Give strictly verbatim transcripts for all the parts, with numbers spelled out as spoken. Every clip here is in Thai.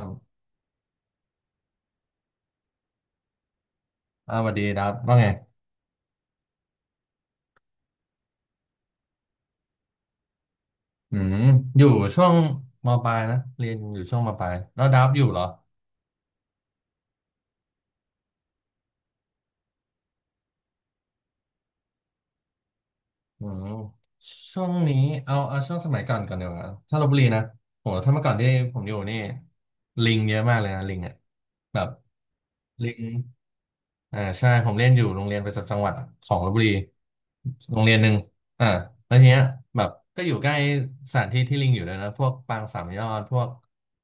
ครับอ่าสวัสดีดับว่าไงอืมอยู่ช่วงมปลายนะเรียนอยู่ช่วงมปลายแล้วดับอยู่เหรออืมช่วงนี้เอาเอาช่วงสมัยก่อนก่อนเดียวาถ้าลพบุรีนะโหถ้าเมื่อก่อนที่ผมอยู่นี่ลิงเยอะมากเลยนะลิงอ่ะแบบลิง อ่าใช่ผมเรียนอยู่โรงเรียนประจำจังหวัดของลพบุรีโรงเรียนหนึ่งอ่าแล้วทีเนี้ยแบบก็อยู่ใกล้สถานที่ที่ลิงอยู่เลยนะพวกปางสามยอดพวก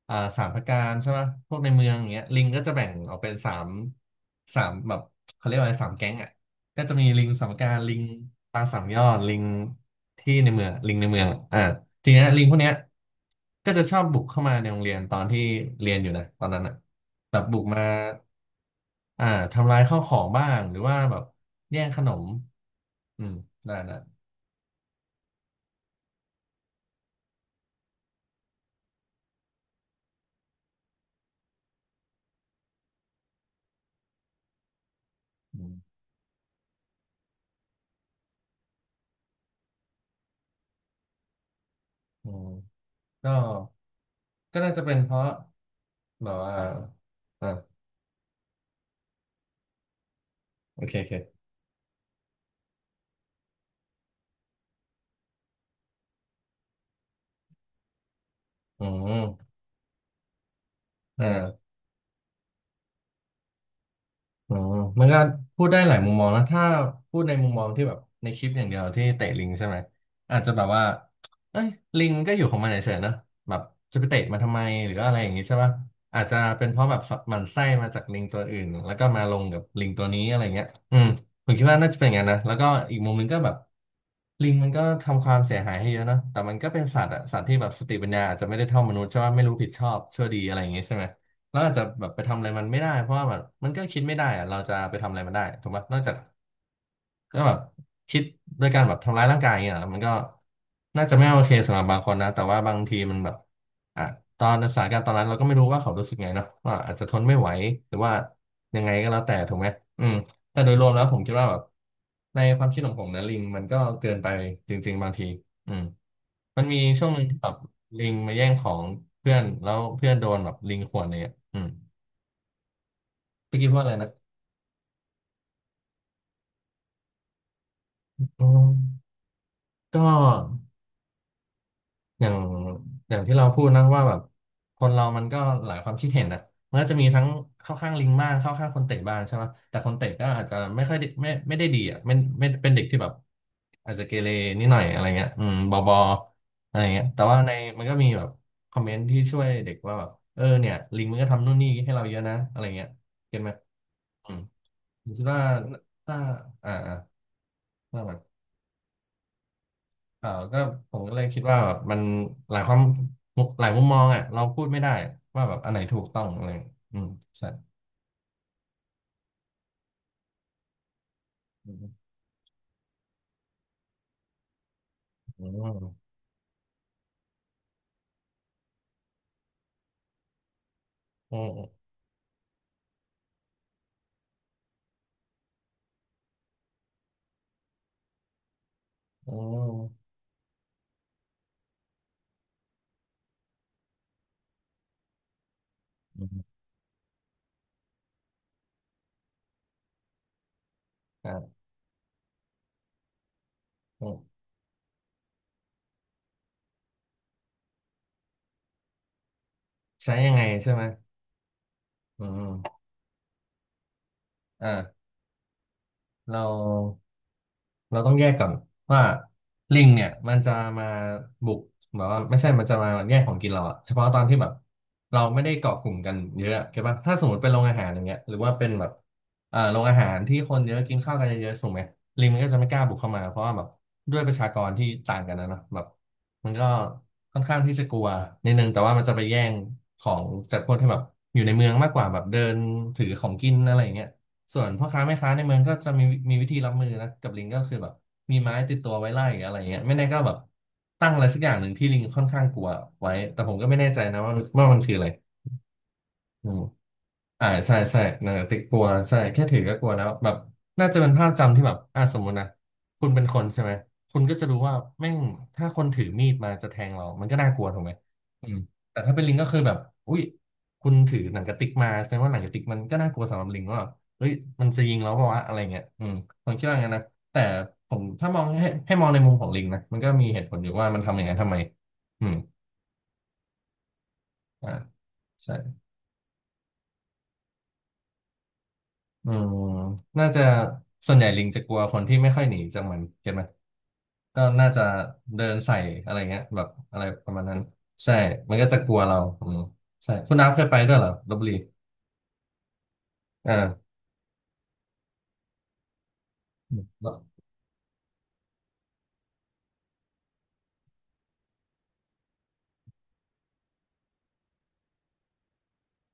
อ่าสามพระการใช่ไหมพวกในเมืองอย่างเงี้ยลิงก็จะแบ่งออกเป็นสามสามแบบเขาเรียกว่าอะไรสามแก๊งอ่ะก็จะมีลิงสามพระการลิงปางสามยอดลิงที่ในเมืองลิงในเมืองอ่า ทีเนี้ยลิงพวกเนี้ยก็จะชอบบุกเข้ามาในโรงเรียนตอนที่เรียนอยู่นะตอนนั้นอ่ะแบบบุกมาอ่าทำลายข้าวของบ้างหรือว่าแบบแย่งขนมอืมได้นะอืมอืมก็ก็น่าจะเป็นเพราะแบบว่าอ่าโอเคโอเคอืมอ่า อ๋อมันก็พูดได้หลายมุมมองนะถ้าพูดในมุมมองที่แบบในคลิปอย่างเดียวที่เตะลิงใช่ไหมอาจจะแบบว่าเอ้ยลิงมันก็อยู่ของมันเฉยๆนะแบบจะไปเตะมันทำไมหรืออะไรอย่างงี้ใช่ป่ะอาจจะเป็นเพราะแบบหมันไส้มาจากลิงตัวอื่นแล้วก็มาลงกับลิงตัวนี้อะไรเงี้ยอืมผมคิดว่าน่าจะเป็นอย่างนั้นนะแล้วก็อีกมุมหนึงก็แบบลิงมันก็ทำความเสียหายให้เยอะนะแต่มันก็เป็นสัตว์อะสัตว์ที่แบบสติปัญญาอาจจะไม่ได้เท่ามนุษย์ใช่ป่ะไม่รู้ผิดชอบชั่วดีอะไรอย่างงี้ใช่ไหม เราอาจจะแบบไปทำอะไรมันไม่ได้เพราะว่าแบบมันก็คิดไม่ได้อะเราจะไปทำอะไรมันได้ถูกปะนอกจากก็แบบคิดโดยการแบบทำร้ายร่างกายอย่างเงี้ยเหรอมันก็น่าจะไม่โอเคสำหรับบางคนนะแต่ว่าบางทีมันแบบอ่ะตอนสถานการณ์ตอนนั้นเราก็ไม่รู้ว่าเขารู้สึกไงเนาะว่าอาจจะทนไม่ไหวหรือว่ายังไงก็แล้วแต่ถูกไหมอืมแต่โดยรวมแล้วผมคิดว่าแบบในความคิดของผมนะลิงมันก็เกินไปจริงๆบางทีอืมมันมีช่วงหนึ่งที่แบบลิงมาแย่งของเพื่อนแล้วเพื่อนโดนแบบลิงข่วนอะไรเงี้ยอืม พี่คิดว่าอะไรนะอืมก็อย่างอย่างที่เราพูดนะว่าแบบคนเรามันก็หลายความคิดเห็นอ่ะมันก็จะมีทั้งเข้าข้างลิงบ้างเข้าข้างคนเตะบ้างใช่ไหมแต่คนเตะก็อาจจะไม่ค่อยได้ไม่ไม่ได้ดีอ่ะไม่ไม่เป็นเด็กที่แบบอาจจะเกเรนิดหน่อยอะไรเงี้ยอืมบอบออะไรเงี้ยแต่ว่าในมันก็มีแบบคอมเมนต์ที่ช่วยเด็กว่าแบบเออเนี่ยลิงมันก็ทำนู่นนี่ให้เราเยอะนะอะไรเงี้ยเก็ตไหมอืมผมคิดว่าถ้าอ่าอ่าว่ามา เออก็ผมก็เลยคิดว่าแบบมันหลายความมุหลายมุมมองอ่ะเราพูดไม่ได้ว่าแบบอันไหนถูกต้องอะไรออืมใช่อืมอืมอืมอืมอืมอ่าอืมใช้ยังไงใช่ไหมอืมอ่าเรา เราต้องแยกก่อนว่าลิงเนี่ยมันจะมาบุกแบบว่าไม่ใช่มันจะมาแย่งของกินเราอะเฉพาะตอนที่แบบเราไม่ได้เกาะกลุ่มกันเยอะเข้าใจปะถ้าสมมติเป็นโรงอาหารอย่างเงี้ยหรือว่าเป็นแบบเอ่อโรงอาหารที่คนเยอะกินข้าวกันเยอะๆถูกไหมลิงมันก็จะไม่กล้าบุกเข้ามาเพราะว่าแบบด้วยประชากรที่ต่างกันนะเนาะแบบมันก็ค่อนข้างที่จะกลัวนิดนึงแต่ว่ามันจะไปแย่งของจากพวกที่แบบอยู่ในเมืองมากกว่าแบบเดินถือของกินอะไรอย่างเงี้ย ส่วนพ่อค้าแม่ค้าในเมืองก็จะมีมีวิธีรับมือนะกับลิงก็คือแบบมีไม้ติดตัวไว้ไล่อะไรเงี้ยไม่แน่ก็แบบตั้งอะไรสักอย่างหนึ่งที่ลิงค่อนข้างกลัวไว้แต่ผมก็ไม่แน่ใจนะว่าว่ามันคืออะไร อืมอ่าใช่ใช่หนังกระติกกลัวใช่แค่ถือก็กลัวแล้วแบบน่าจะเป็นภาพจำที่แบบอ่าสมมุตินะคุณเป็นคนใช่ไหมคุณก็จะรู้ว่าแม่งถ้าคนถือมีดมาจะแทงเรามันก็น่ากลัวถูกไหมอืมแต่ถ้าเป็นลิงก็คือแบบอุ้ยคุณถือหนังกระติกมาแสดงว่าหนังกระติกมันก็น่ากลัวสำหรับลิงว่าเฮ้ยมันจะยิงเราเปล่าวะอะไรเงี้ยอืมผมคิดว่างั้นนะแต่ผมถ้ามองให้ให้มองในมุมของลิงนะมันก็มีเหตุผลอยู่ว่ามันทำอย่างนั้นทำไมอืมอ่าใช่ อืม น่าจะส่วนใหญ่ลิงจะกลัวคนที่ไม่ค่อยหนีจากมันเก็ตไหม ก็น่าจะเดินใส่อะไรเงี้ยแบบอะไรประมาณนั้นใช่ มันก็จะกลัวเราอืมใช่คุณน้ำเคยไปด้วยเหรอลพบุรีอ่า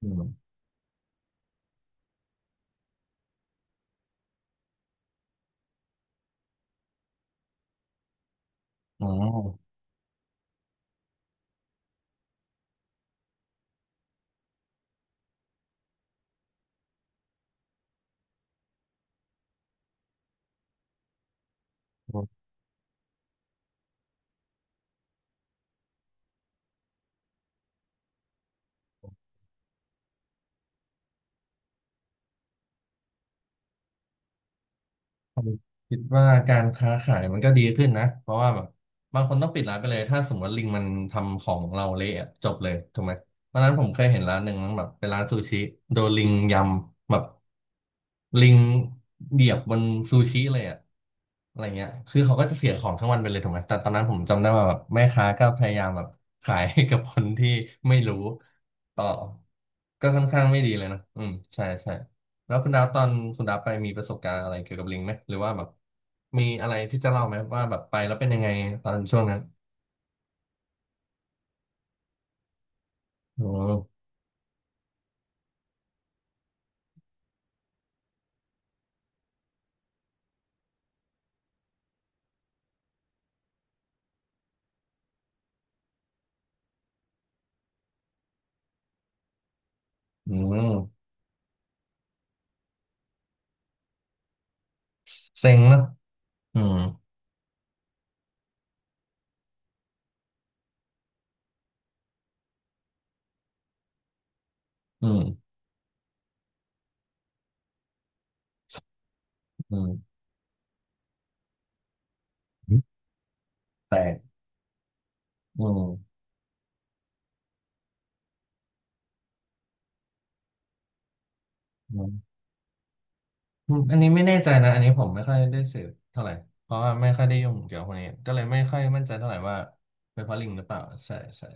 อืมอืม ผมคิดว่าการค้าขายมันก็ดีขึ้นนะเพราะว่าแบบบางคนต้องปิดร้านไปเลยถ้าสมมติว่าลิงมันทำของเราเละอะจบเลยถูกไหมวันนั้นผมเคยเห็นร้านหนึ่งแบบเป็นร้านซูชิโดนลิงยำแบบลิงเหยียบบนซูชิเลยอะอะไรเงี้ยคือเขาก็จะเสียของทั้งวันไปเลยถูกไหมแต่ตอนนั้นผมจำได้ว่าแบบแม่ค้าก็พยายามแบบขายให้กับคนที่ไม่รู้ต่อก็ค่อนข้างไม่ดีเลยนะอืมใช่ใช่ แล้วคุณดาวตอนคุณดาวไปมีประสบการณ์อะไรเกี่ยวกับลิงไหมหรือว่าแบบมีอะไรที่จะเล่าไหมว่าแบบไปแล้วเป็นยังไงตอนช่วงนั้นอืมอืมเซ็งนะอืมอืมอืมแต่อืมอืมอืมอันนี้ไม่แน่ใจนะอันนี้ผมไม่ค่อยได้สืบเท่าไหร่เพราะว่าไม่ค่อยได้ยุ่งเกี่ยวกับพวกนี้ก็เลยไม่ค่อยมั่นใจเท่าไหร่ว่าเป็นเพราะลิงหรือเปล่าใช่ใช่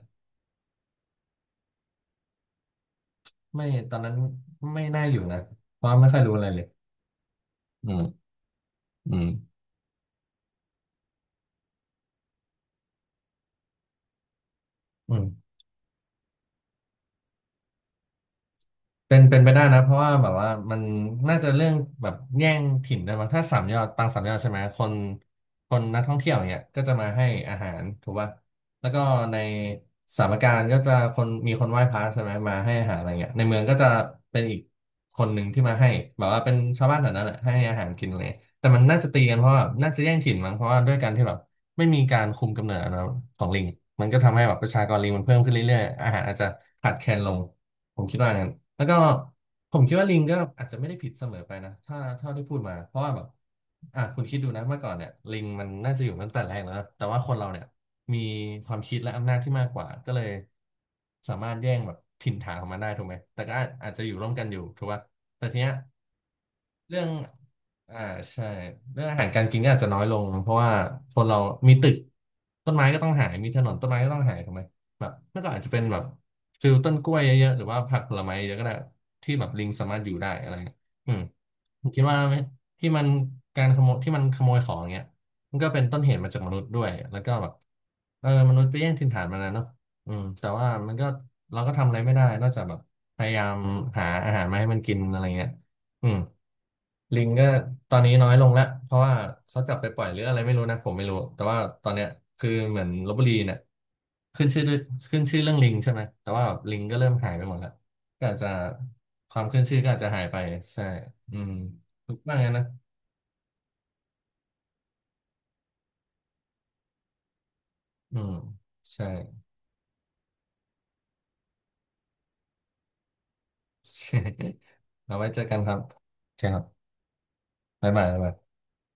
ไม่ตอนนั้นไม่น่าอยู่นะเพราะไม่ค่อยรู้อะไรเลยอืมอืมอืม เป็นเป็นไปได้นะเพราะว่าแบบว่ามันน่าจะเรื่องแบบแย่งถิ่นด้วยมั้งถ้าสามยอดปางสามยอดใช่ไหมคนคนนักท่องเที่ยวเนี่ยก็จะมาให้อาหารถูกป่ะแล้วก็ในสามการก็จะคนมีคนไหว้พระใช่ไหมมาให้อาหารอะไรเงี้ยในเมืองก็จะเป็นอีกคนหนึ่งที่มาให้แบบว่าเป็นชาวบ้านแถวนั้นแหละให้อาหารกินเลย แต่มันน่าจะตีกันเพราะว่าน่าจะแย่งถิ่นมั้งเพราะว่าด้วยการที่แบบไม่มีการคุมกำเนิดนะของลิงมันก็ทำให้แบบประชากรลิงมันเพิ่มขึ้นเรื่อยๆอาหารอาจจะขาดแคลนลงผมคิดว่างั้นแล้วก็ผมคิดว่าลิงก็อาจจะไม่ได้ผิดเสมอไปนะถ้าเท่าที่พูดมาเพราะว่าแบบอ่ะคุณคิดดูนะเมื่อก่อนเนี่ยลิงมันน่าจะอยู่มาตั้งแต่แรกแล้วนะแต่ว่าคนเราเนี่ยมีความคิดและอำนาจที่มากกว่าก็เลยสามารถแย่งแบบถิ่นฐานของมันได้ถูกไหมแต่ก็อาจจะอยู่ร่วมกันอยู่ถูกป่ะแต่ทีเนี้ยเรื่อง อ่าใช่เรื่องอาหารการกินก็อาจจะน้อยลงเพราะว่าคนเรามีตึกต้นไม้ก็ต้องหายมีถนนต้นไม้ก็ต้องหายถูกไหมแบบเมื่อก่อนอาจจะเป็นแบบฟิลต้นกล้วยเยอะๆหรือว่าผักผลไม้เยอะก็ได้ที่แบบลิงสามารถอยู่ได้อะไรเงี้ยอืมผมคิดว่าที่มันการขโมยที่มันขโมยของเงี้ยมันก็เป็นต้นเหตุมาจากมนุษย์ด้วยแล้วก็แบบเออมนุษย์ไปแย่งถิ่นฐานมันนะเนาะอืมแต่ว่ามันก็เราก็ทำอะไรไม่ได้นอกจากแบบพยายามหาอาหารมาให้มันกินอะไรเงี้ยอืม ลิงก็ตอนนี้น้อยลงแล้วเพราะว่าเขาจับไปปล่อยหรืออะไรไม่รู้นะผมไม่รู้แต่ว่าตอนเนี้ยคือเหมือนลพบุรีเนี่ยขึ้นชื่อด้วยขึ้นชื่อเรื่องลิงใช่ไหมแต่ว่าลิงก็เริ่มหายไปหมดแล้วก็อาจจะความขึ้นชื่อก็อาจจะหายไปใช่อืมถูกบ้างนนะอืมใช่ เอาไว้เจอกันครับโอเคครับบ๊ายบายบ๊ายบาย